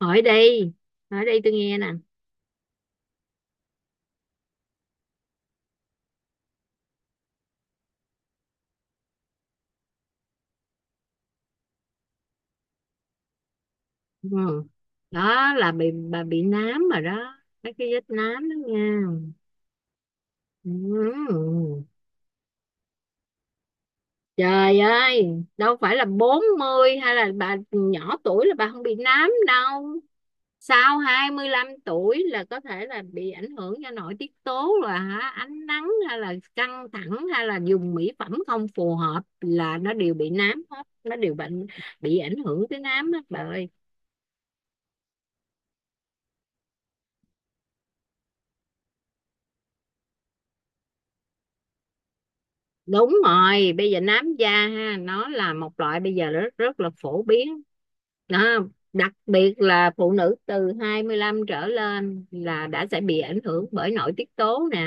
Hỏi đi, hỏi đi, tôi nghe nè. Ừ, đó là bị, bà bị nám rồi đó. Mấy cái vết nám đó nha. Ừ. Trời ơi, đâu phải là 40 hay là bà nhỏ tuổi là bà không bị nám đâu. Sau 25 tuổi là có thể là bị ảnh hưởng do nội tiết tố, là hả ánh nắng hay là căng thẳng hay là dùng mỹ phẩm không phù hợp là nó đều bị nám hết, nó đều bệnh, bị ảnh hưởng tới nám hết bà ơi. Đúng rồi, bây giờ nám da ha, nó là một loại bây giờ rất rất là phổ biến. Đó. Đặc biệt là phụ nữ từ 25 trở lên là đã sẽ bị ảnh hưởng bởi nội tiết tố nè,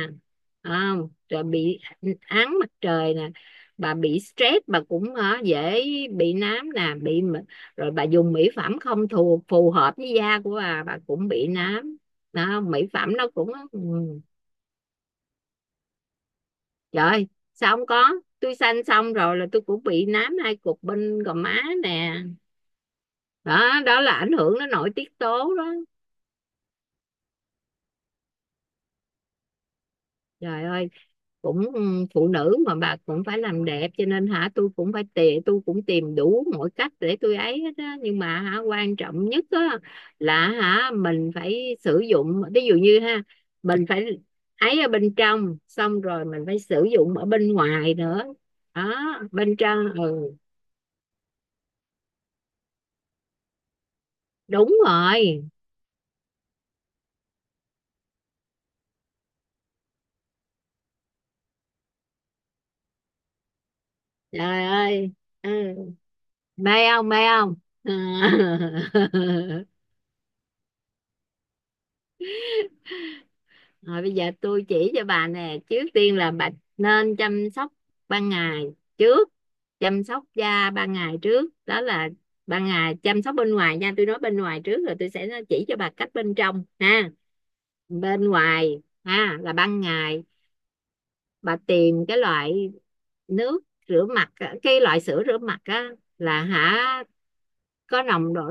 à, rồi bị ánh mặt trời nè, bà bị stress bà cũng hả, dễ bị nám nè, bị rồi bà dùng mỹ phẩm không phù phù hợp với da của bà cũng bị nám đó, mỹ phẩm nó cũng trời ơi, sao không có? Tôi sanh xong rồi là tôi cũng bị nám hai cục bên gò má nè. Đó, đó là ảnh hưởng nó nội tiết tố đó. Trời ơi, cũng phụ nữ mà, bà cũng phải làm đẹp cho nên hả tôi cũng tìm đủ mọi cách để tôi ấy hết á, nhưng mà hả quan trọng nhất á là hả mình phải sử dụng, ví dụ như ha mình phải ấy ở bên trong, xong rồi mình phải sử dụng ở bên ngoài nữa đó. Bên trong, ừ, đúng rồi. Trời ơi. Ừ. Mê không, mê không? Ừ. Rồi bây giờ tôi chỉ cho bà nè, trước tiên là bà nên chăm sóc ban ngày trước, chăm sóc da ban ngày trước, đó là ban ngày chăm sóc bên ngoài nha. Tôi nói bên ngoài trước, rồi tôi sẽ chỉ cho bà cách bên trong ha. Bên ngoài ha là ban ngày, bà tìm cái loại nước rửa mặt á, cái loại sữa rửa mặt á là hả có nồng độ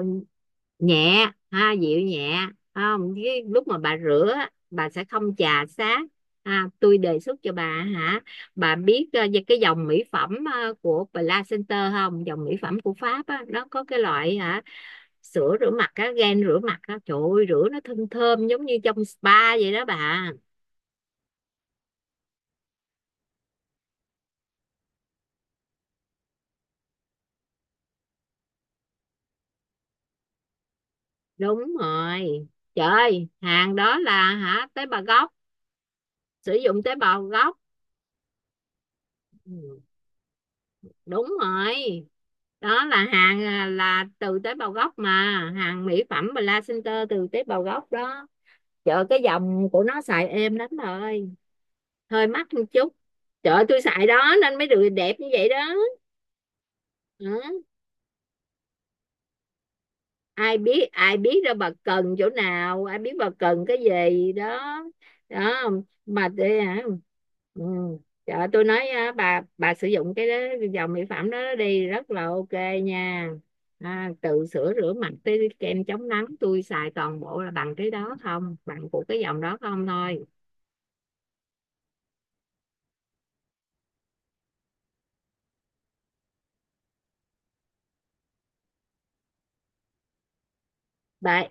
nhẹ ha, dịu nhẹ, không cái lúc mà bà rửa á, bà sẽ không chà xát ha. Tôi đề xuất cho bà hả, bà biết về cái dòng mỹ phẩm của Placenter không, dòng mỹ phẩm của Pháp á, nó có cái loại hả sữa rửa mặt á, gel rửa mặt á, trời ơi, rửa nó thơm thơm giống như trong spa vậy đó bà. Đúng rồi, trời ơi, hàng đó là hả tế bào gốc, sử dụng tế bào gốc. Ừ, đúng rồi, đó là hàng là từ tế bào gốc mà, hàng mỹ phẩm placenta từ tế bào gốc đó, chợ cái dòng của nó xài êm lắm bà ơi. Hơi mắc một chút, chợ tôi xài đó nên mới được đẹp như vậy đó. Ừ. Ai biết đâu bà cần chỗ nào, ai biết bà cần cái gì đó. Đó. Mà để hả, ừ, trời, tôi nói á, bà sử dụng cái đó, cái dòng mỹ phẩm đó, đó đi rất là ok nha, từ sữa rửa mặt tới kem chống nắng tôi xài toàn bộ là bằng cái đó không, bằng của cái dòng đó không thôi bà.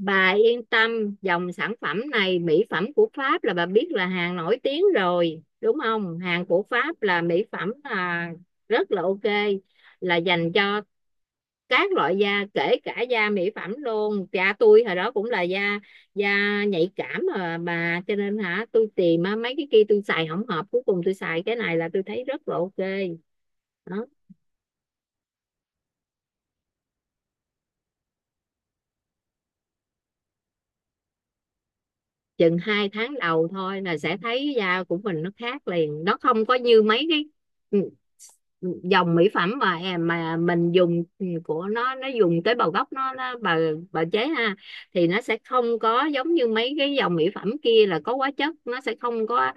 Bà yên tâm, dòng sản phẩm này, mỹ phẩm của Pháp, là bà biết là hàng nổi tiếng rồi, đúng không? Hàng của Pháp là mỹ phẩm rất là ok, là dành cho các loại da, kể cả da mỹ phẩm luôn. Cha tôi hồi đó cũng là da da nhạy cảm mà bà, cho nên hả, tôi tìm á, mấy cái kia tôi xài không hợp, cuối cùng tôi xài cái này là tôi thấy rất là ok. Đó. Chừng hai tháng đầu thôi là sẽ thấy da của mình nó khác liền, nó không có như mấy cái dòng mỹ phẩm mà em mà mình dùng ừ, của nó dùng tế bào gốc nó bà chế ha thì nó sẽ không có giống như mấy cái dòng mỹ phẩm kia là có hóa chất, nó sẽ không có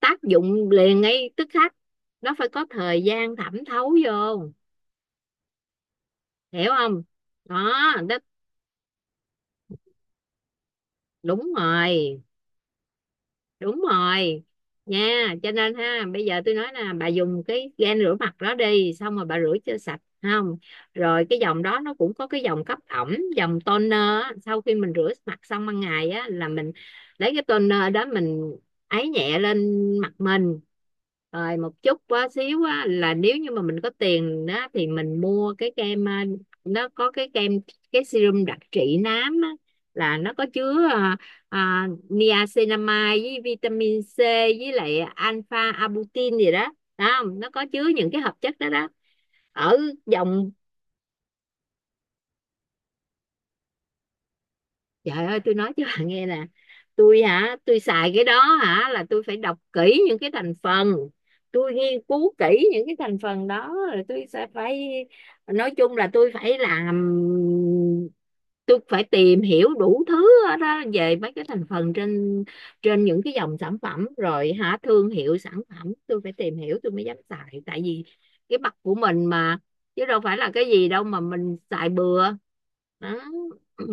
tác dụng liền ngay tức khắc, nó phải có thời gian thẩm thấu vô, hiểu không. Đó, đó, đúng rồi, đúng rồi nha. Cho nên ha bây giờ tôi nói là bà dùng cái gel rửa mặt đó đi, xong rồi bà rửa cho sạch không, rồi cái dòng đó nó cũng có cái dòng cấp ẩm, dòng toner á. Sau khi mình rửa mặt xong ban ngày á là mình lấy cái toner đó mình ấy nhẹ lên mặt mình, rồi một chút quá xíu á, là nếu như mà mình có tiền đó thì mình mua cái kem nó có cái kem, cái serum đặc trị nám á, là nó có chứa niacinamide với vitamin C với lại alpha arbutin gì đó đó, không nó có chứa những cái hợp chất đó đó ở dòng. Trời ơi, tôi nói cho bạn nghe nè, tôi hả tôi xài cái đó hả là tôi phải đọc kỹ những cái thành phần, tôi nghiên cứu kỹ những cái thành phần đó, rồi tôi sẽ phải, nói chung là tôi phải làm, tôi phải tìm hiểu đủ thứ hết á, về mấy cái thành phần trên, trên những cái dòng sản phẩm, rồi hả thương hiệu sản phẩm tôi phải tìm hiểu tôi mới dám xài, tại vì cái mặt của mình mà, chứ đâu phải là cái gì đâu mà mình xài bừa. Đó.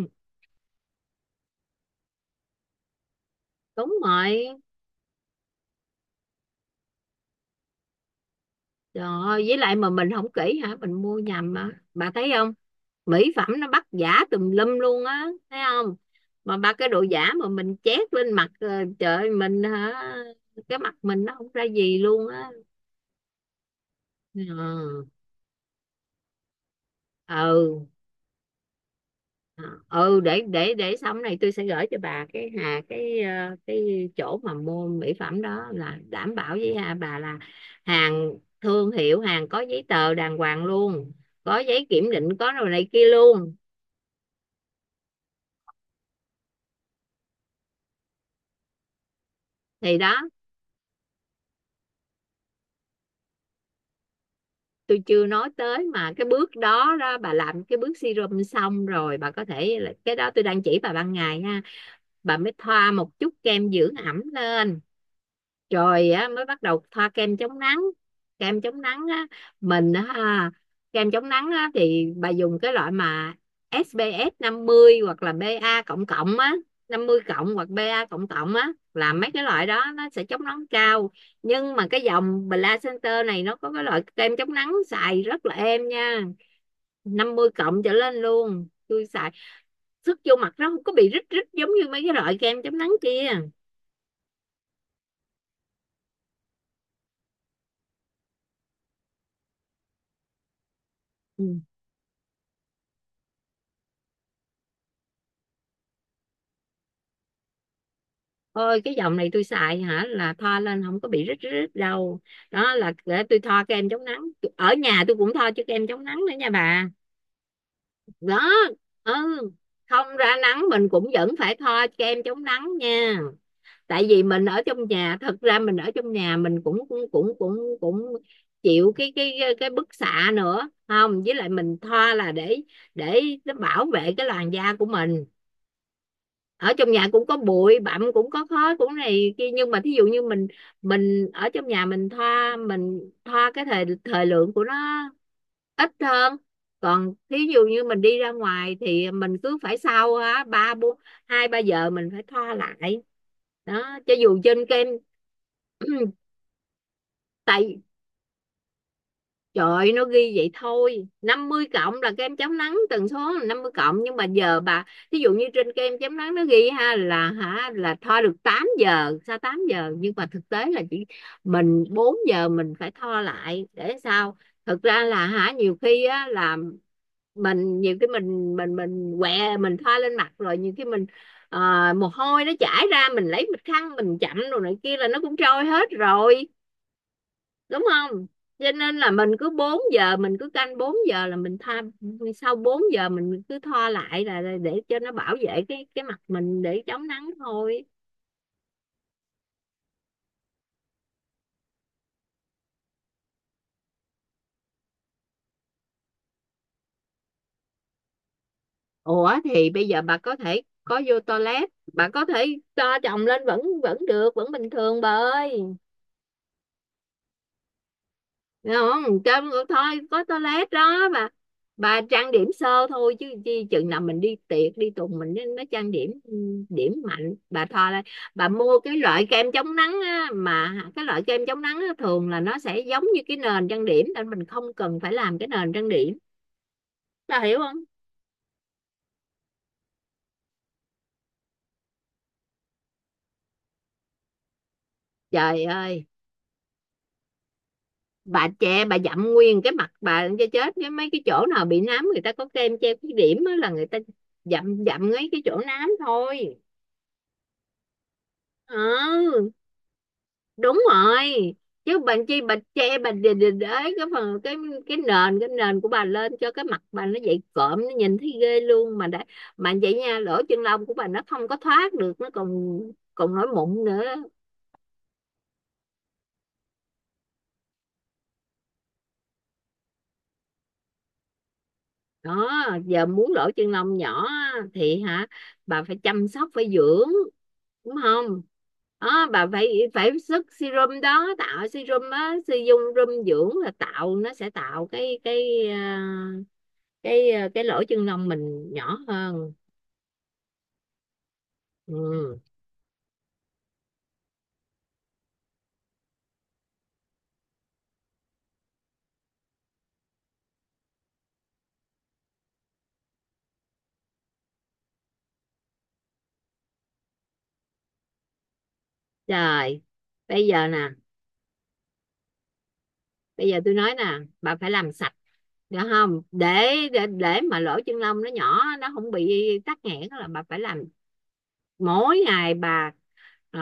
Đúng rồi. Rồi, với lại mà mình không kỹ hả? Mình mua nhầm mà. Bà thấy không? Mỹ phẩm nó bắt giả tùm lum luôn á, thấy không? Mà ba cái đồ giả mà mình chét lên mặt trời ơi, mình hả? Cái mặt mình nó không ra gì luôn á. Ờ, ừ, ờ, ừ để xong này tôi sẽ gửi cho bà cái hà cái cái chỗ mà mua mỹ phẩm đó, là đảm bảo với hà bà là hàng thương hiệu, hàng có giấy tờ đàng hoàng luôn, có giấy kiểm định có, rồi này kia luôn. Thì đó, tôi chưa nói tới mà, cái bước đó đó bà làm cái bước serum xong rồi bà có thể, cái đó tôi đang chỉ bà ban ngày ha, bà mới thoa một chút kem dưỡng ẩm lên, rồi á mới bắt đầu thoa kem chống nắng. Kem chống nắng á, mình á ha, kem chống nắng á thì bà dùng cái loại mà ét pê ép 50 hoặc là BA cộng cộng á, 50 cộng hoặc BA cộng cộng á, là mấy cái loại đó nó sẽ chống nắng cao. Nhưng mà cái dòng Bla Center này nó có cái loại kem chống nắng xài rất là êm nha, 50 cộng trở lên luôn tôi xài, sức vô mặt nó không có bị rít rít giống như mấy cái loại kem chống nắng kia. Ừ. Ôi cái dòng này tôi xài hả là thoa lên không có bị rít rít đâu. Đó là để tôi thoa kem chống nắng, ở nhà tôi cũng thoa chứ, kem chống nắng nữa nha bà. Đó, ừ, không ra nắng mình cũng vẫn phải thoa kem chống nắng nha, tại vì mình ở trong nhà, thật ra mình ở trong nhà mình cũng cũng cũng cũng cũng chịu cái cái bức xạ nữa không, với lại mình thoa là để nó bảo vệ cái làn da của mình. Ở trong nhà cũng có bụi bặm, cũng có khói, cũng này kia, nhưng mà thí dụ như mình ở trong nhà mình thoa, mình thoa cái thời thời lượng của nó ít hơn, còn thí dụ như mình đi ra ngoài thì mình cứ phải sau á ba bốn, hai ba giờ mình phải thoa lại, đó cho dù trên kem. Tại, trời ơi, nó ghi vậy thôi, 50 cộng là kem chống nắng tần số là 50 cộng, nhưng mà giờ bà, thí dụ như trên kem chống nắng nó ghi ha là hả là thoa được 8 giờ sao, 8 giờ nhưng mà thực tế là chỉ mình 4 giờ mình phải thoa lại để sao, thực ra là hả nhiều khi á là mình nhiều khi mình quẹ mình thoa lên mặt rồi, nhiều khi mình ờ, mồ hôi nó chảy ra, mình lấy bịch khăn mình chậm rồi này kia là nó cũng trôi hết rồi, đúng không, cho nên là mình cứ 4 giờ mình cứ canh 4 giờ là mình tha, sau 4 giờ mình cứ thoa lại là để cho nó bảo vệ cái mặt mình, để chống nắng thôi. Ủa thì bây giờ bà có thể có vô toilet bà có thể cho chồng lên vẫn vẫn được, vẫn bình thường bà ơi. Thấy không, cho thôi có toilet đó bà trang điểm sơ thôi, chứ chi chừng nào mình đi tiệc đi tùng mình nên nó trang điểm điểm mạnh bà thoa lên. Bà mua cái loại kem chống nắng á, mà cái loại kem chống nắng á, thường là nó sẽ giống như cái nền trang điểm, nên mình không cần phải làm cái nền trang điểm, bà hiểu không. Trời ơi, bà che bà dặm nguyên cái mặt bà cho chết với, mấy cái chỗ nào bị nám người ta có kem che khuyết điểm á, là người ta dặm dặm ngay cái chỗ nám thôi. Ừ, đúng rồi, chứ bệnh chi bà che bà đình đình ấy cái phần cái, cái nền của bà lên cho cái mặt bà nó dậy cộm, nó nhìn thấy ghê luôn mà đã, mà vậy nha lỗ chân lông của bà nó không có thoát được, nó còn còn nổi mụn nữa đó. Giờ muốn lỗ chân lông nhỏ á, thì hả bà phải chăm sóc, phải dưỡng, đúng không. Đó, bà phải phải sức serum đó, tạo serum á, sử dụng serum dưỡng là tạo nó sẽ tạo cái cái cái lỗ chân lông mình nhỏ hơn. Ừ. Rồi bây giờ nè, bây giờ tôi nói nè, bà phải làm sạch, được không, để để mà lỗ chân lông nó nhỏ, nó không bị tắc nghẽn là bà phải làm mỗi ngày bà, à,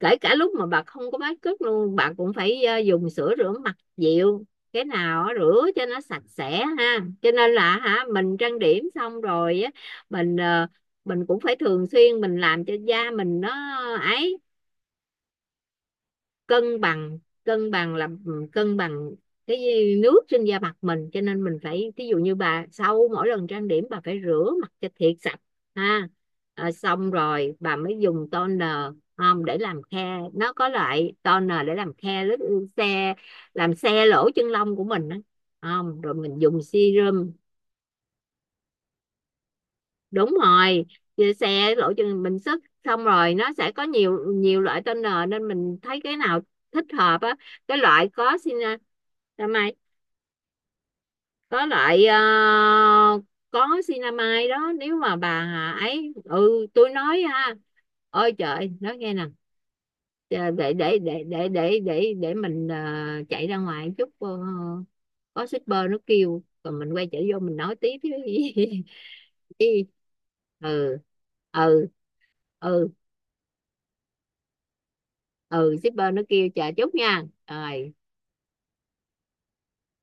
kể cả lúc mà bà không có make up luôn, bà cũng phải dùng sữa rửa mặt dịu cái nào á, rửa cho nó sạch sẽ ha, cho nên là hả mình trang điểm xong rồi á mình mình cũng phải thường xuyên mình làm cho da mình nó ấy cân bằng, cân bằng là ừ, cân bằng cái nước trên da mặt mình, cho nên mình phải ví dụ như bà sau mỗi lần trang điểm bà phải rửa mặt cho thiệt sạch ha. Ờ, xong rồi bà mới dùng toner, không để làm khe, nó có loại toner để làm khe lít, ừ, xe, làm xe lỗ chân lông của mình đó, không rồi mình dùng serum. Đúng rồi. Về xe lộ trình bình sức xong rồi nó sẽ có nhiều nhiều loại tên nờ, nên mình thấy cái nào thích hợp á, cái loại có cinamide, có loại có cinamide đó, nếu mà bà ấy, ừ tôi nói ha, ôi trời nói nghe nè, để mình chạy ra ngoài chút có shipper nó kêu, rồi mình quay trở vô mình nói tiếp chứ gì. Chứ- ừ, ừ ừ ừ shipper nó kêu, chờ chút nha. Rồi.